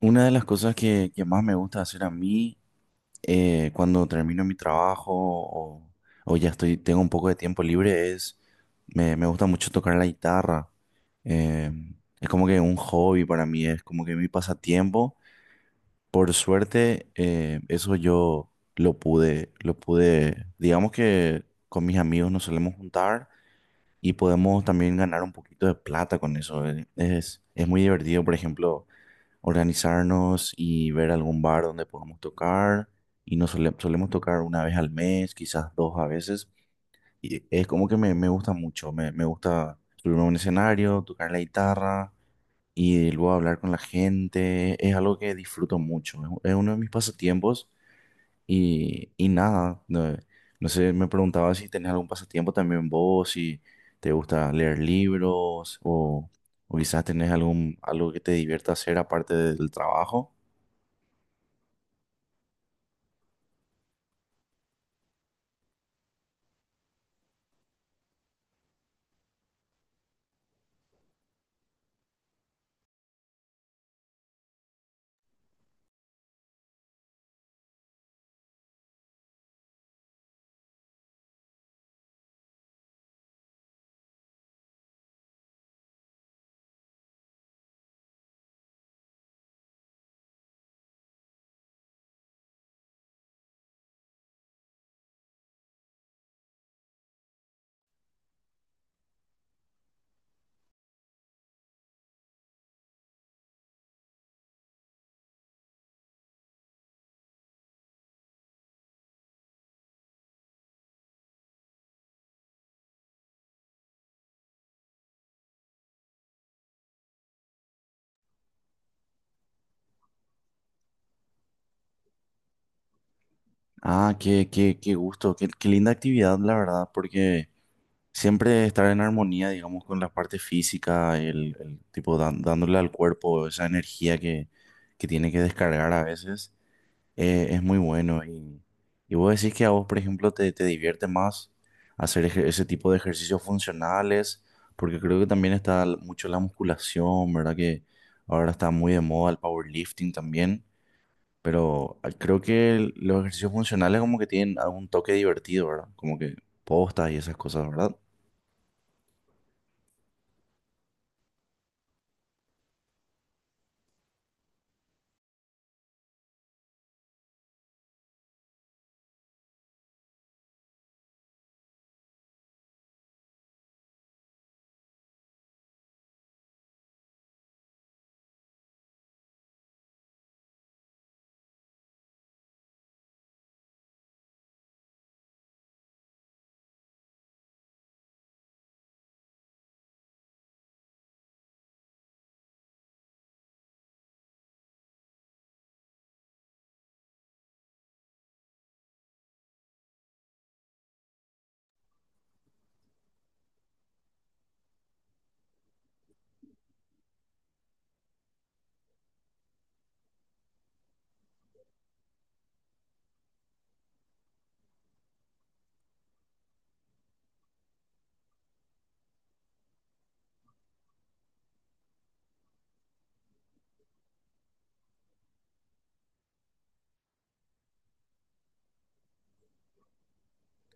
Una de las cosas que más me gusta hacer a mí cuando termino mi trabajo o ya estoy, tengo un poco de tiempo libre es, me gusta mucho tocar la guitarra. Eh, es como que un hobby para mí, es como que mi pasatiempo. Por suerte, eso yo lo pude, digamos que con mis amigos nos solemos juntar y podemos también ganar un poquito de plata con eso. Es muy divertido, por ejemplo, organizarnos y ver algún bar donde podamos tocar. Y solemos tocar una vez al mes, quizás dos a veces. Y es como que me gusta mucho, me gusta subirme a un escenario, tocar la guitarra y luego hablar con la gente. Es algo que disfruto mucho, es uno de mis pasatiempos y nada, no sé, me preguntaba si tenés algún pasatiempo también vos, si te gusta leer libros o... O quizás tenés algo que te divierta hacer aparte del trabajo. Ah, qué gusto, qué linda actividad, la verdad, porque siempre estar en armonía, digamos, con la parte física, el tipo dándole al cuerpo esa energía que tiene que descargar a veces, es muy bueno. Y vos decís que a vos, por ejemplo, te divierte más ese tipo de ejercicios funcionales, porque creo que también está mucho la musculación, ¿verdad? Que ahora está muy de moda el powerlifting también. Pero creo que los ejercicios funcionales como que tienen algún toque divertido, ¿verdad? Como que postas y esas cosas, ¿verdad?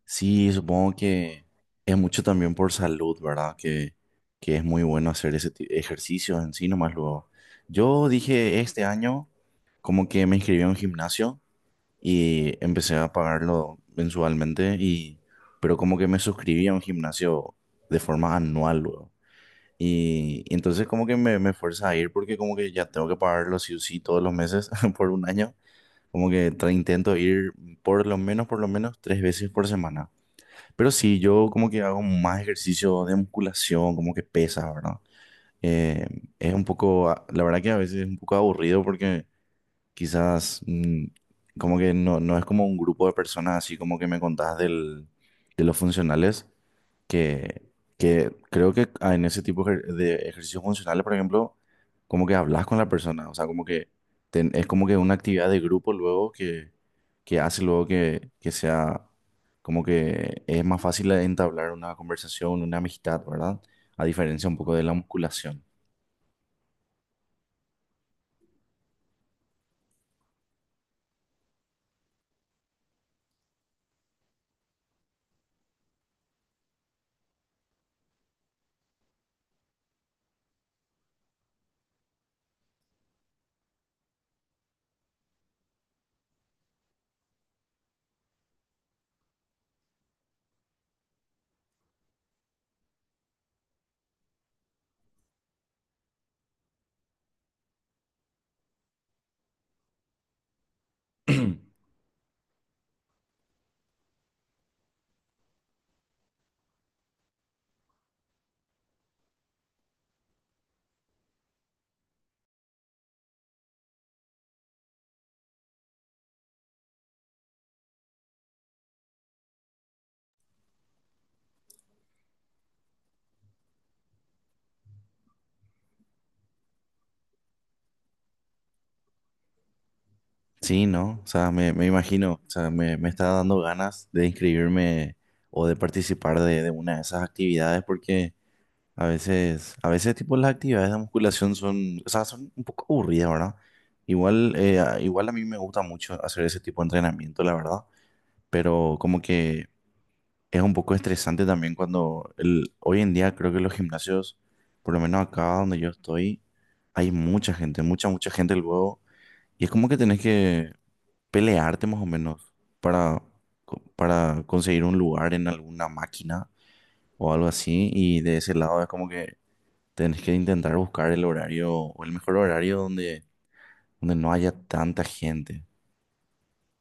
Sí, supongo que es mucho también por salud, ¿verdad? Que es muy bueno hacer ejercicios en sí, nomás luego. Yo dije este año como que me inscribí a un gimnasio y empecé a pagarlo mensualmente y... Pero como que me suscribí a un gimnasio de forma anual, luego. Y entonces como que me fuerza a ir porque como que ya tengo que pagarlo sí o sí todos los meses por un año. Como que intento ir por lo menos tres veces por semana. Pero sí, yo como que hago más ejercicio de musculación, como que pesa, ¿verdad? Eh, es un poco, la verdad que a veces es un poco aburrido porque quizás como que no, no es como un grupo de personas así como que me contás de los funcionales, que, que creo que en ese de ejercicios funcionales, por ejemplo, como que hablas con la persona, o sea, como que es como que una actividad de grupo luego que hace luego que sea como que es más fácil entablar una conversación, una amistad, ¿verdad? A diferencia un poco de la musculación. Sí, ¿no? O sea, me imagino, o sea, me está dando ganas de inscribirme o de participar de una de esas actividades porque a veces tipo las actividades de musculación son, o sea, son un poco aburridas, ¿verdad? Igual, igual a mí me gusta mucho hacer ese tipo de entrenamiento, la verdad, pero como que es un poco estresante también cuando el, hoy en día creo que los gimnasios, por lo menos acá donde yo estoy, hay mucha gente, mucha gente luego y es como que tenés que pelearte más o menos para, para conseguir un lugar en alguna máquina o algo así. Y de ese lado es como que tenés que intentar buscar el horario o el mejor horario donde, donde no haya tanta gente.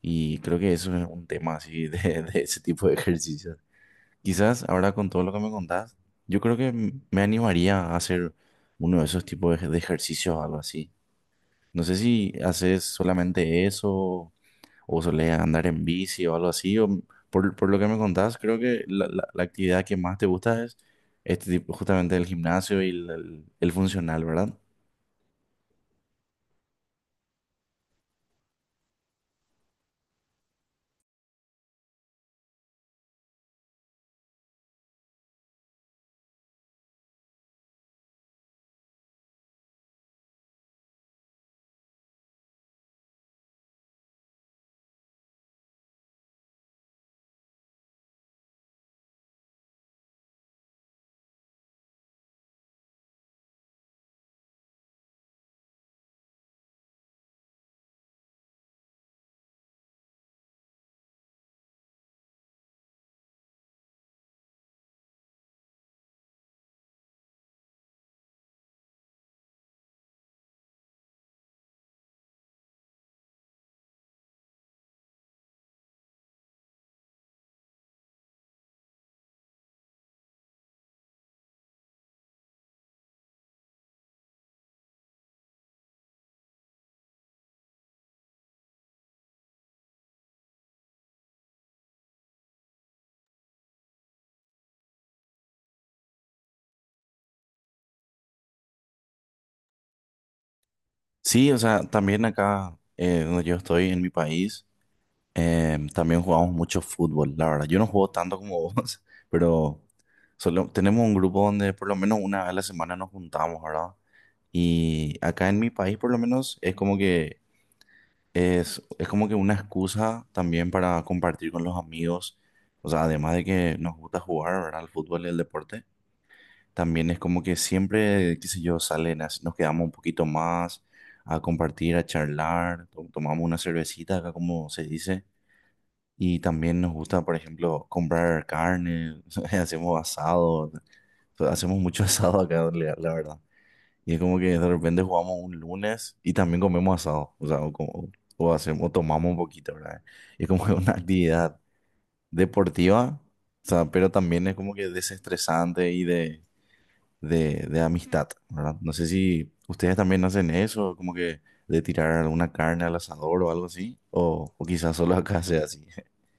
Y creo que eso es un tema así de, de ese tipo de ejercicios. Quizás ahora con todo lo que me contás, yo creo que me animaría a hacer uno de esos tipos de, de ejercicios o algo así. No sé si haces solamente eso o solés andar en bici o algo así, o por lo que me contás, creo que la actividad que más te gusta es este tipo, justamente el gimnasio y el funcional, ¿verdad? Sí, o sea, también acá donde yo estoy, en mi país, también jugamos mucho fútbol, la verdad. Yo no juego tanto como vos, pero solo, tenemos un grupo donde por lo menos una vez a la semana nos juntamos, ¿verdad? Y acá en mi país por lo menos es como que es como que una excusa también para compartir con los amigos. O sea, además de que nos gusta jugar, ¿verdad? Al fútbol y el deporte, también es como que siempre, qué sé yo, salen, nos quedamos un poquito más a compartir, a charlar, tomamos una cervecita acá, como se dice. Y también nos gusta, por ejemplo, comprar carne, hacemos asado, hacemos mucho asado acá, la verdad. Y es como que de repente jugamos un lunes y también comemos asado, o sea, o hacemos, o tomamos un poquito, ¿verdad? Y es como que una actividad deportiva, o sea, pero también es como que desestresante y de amistad, ¿verdad? No sé si ustedes también hacen eso, como que de tirar alguna carne al asador o algo así, o quizás solo acá sea así.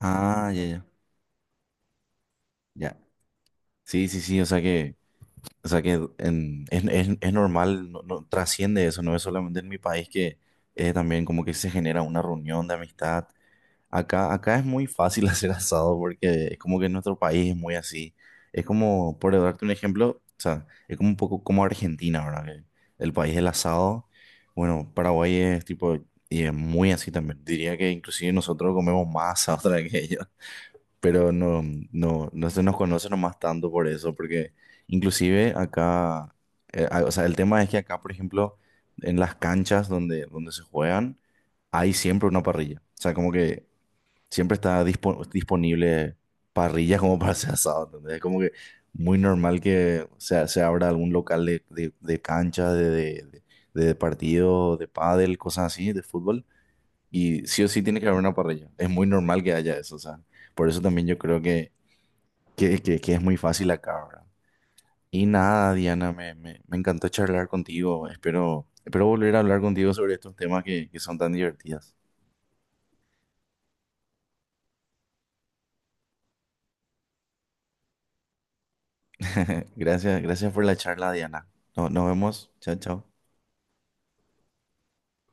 Ah, ya. Sí, sí, sí, O sea que es, es normal, no, no trasciende eso, no es solamente en mi país que también como que se genera una reunión de amistad. Acá es muy fácil hacer asado porque es como que en nuestro país es muy así. Es como, por darte un ejemplo, o sea, es como un poco como Argentina, ¿verdad? Que el país del asado. Bueno, Paraguay es tipo, y es muy así también. Diría que inclusive nosotros comemos más asado que ellos, pero no, no se nos conoce nomás tanto por eso, porque inclusive acá, o sea, el tema es que acá, por ejemplo, en las canchas donde, donde se juegan, hay siempre una parrilla. O sea, como que siempre está disponible parrillas como para hacer asado, ¿entendés? Es como que muy normal que se abra algún local de, de cancha, de partido, de pádel, cosas así, de fútbol. Y sí o sí tiene que haber una parrilla. Es muy normal que haya eso, o sea. Por eso también yo creo que es muy fácil acá, ¿verdad? Y nada, Diana, me encantó charlar contigo. Espero, espero volver a hablar contigo sobre estos temas que son tan divertidos. Gracias, gracias por la charla, Diana. Nos vemos. Chao, chao.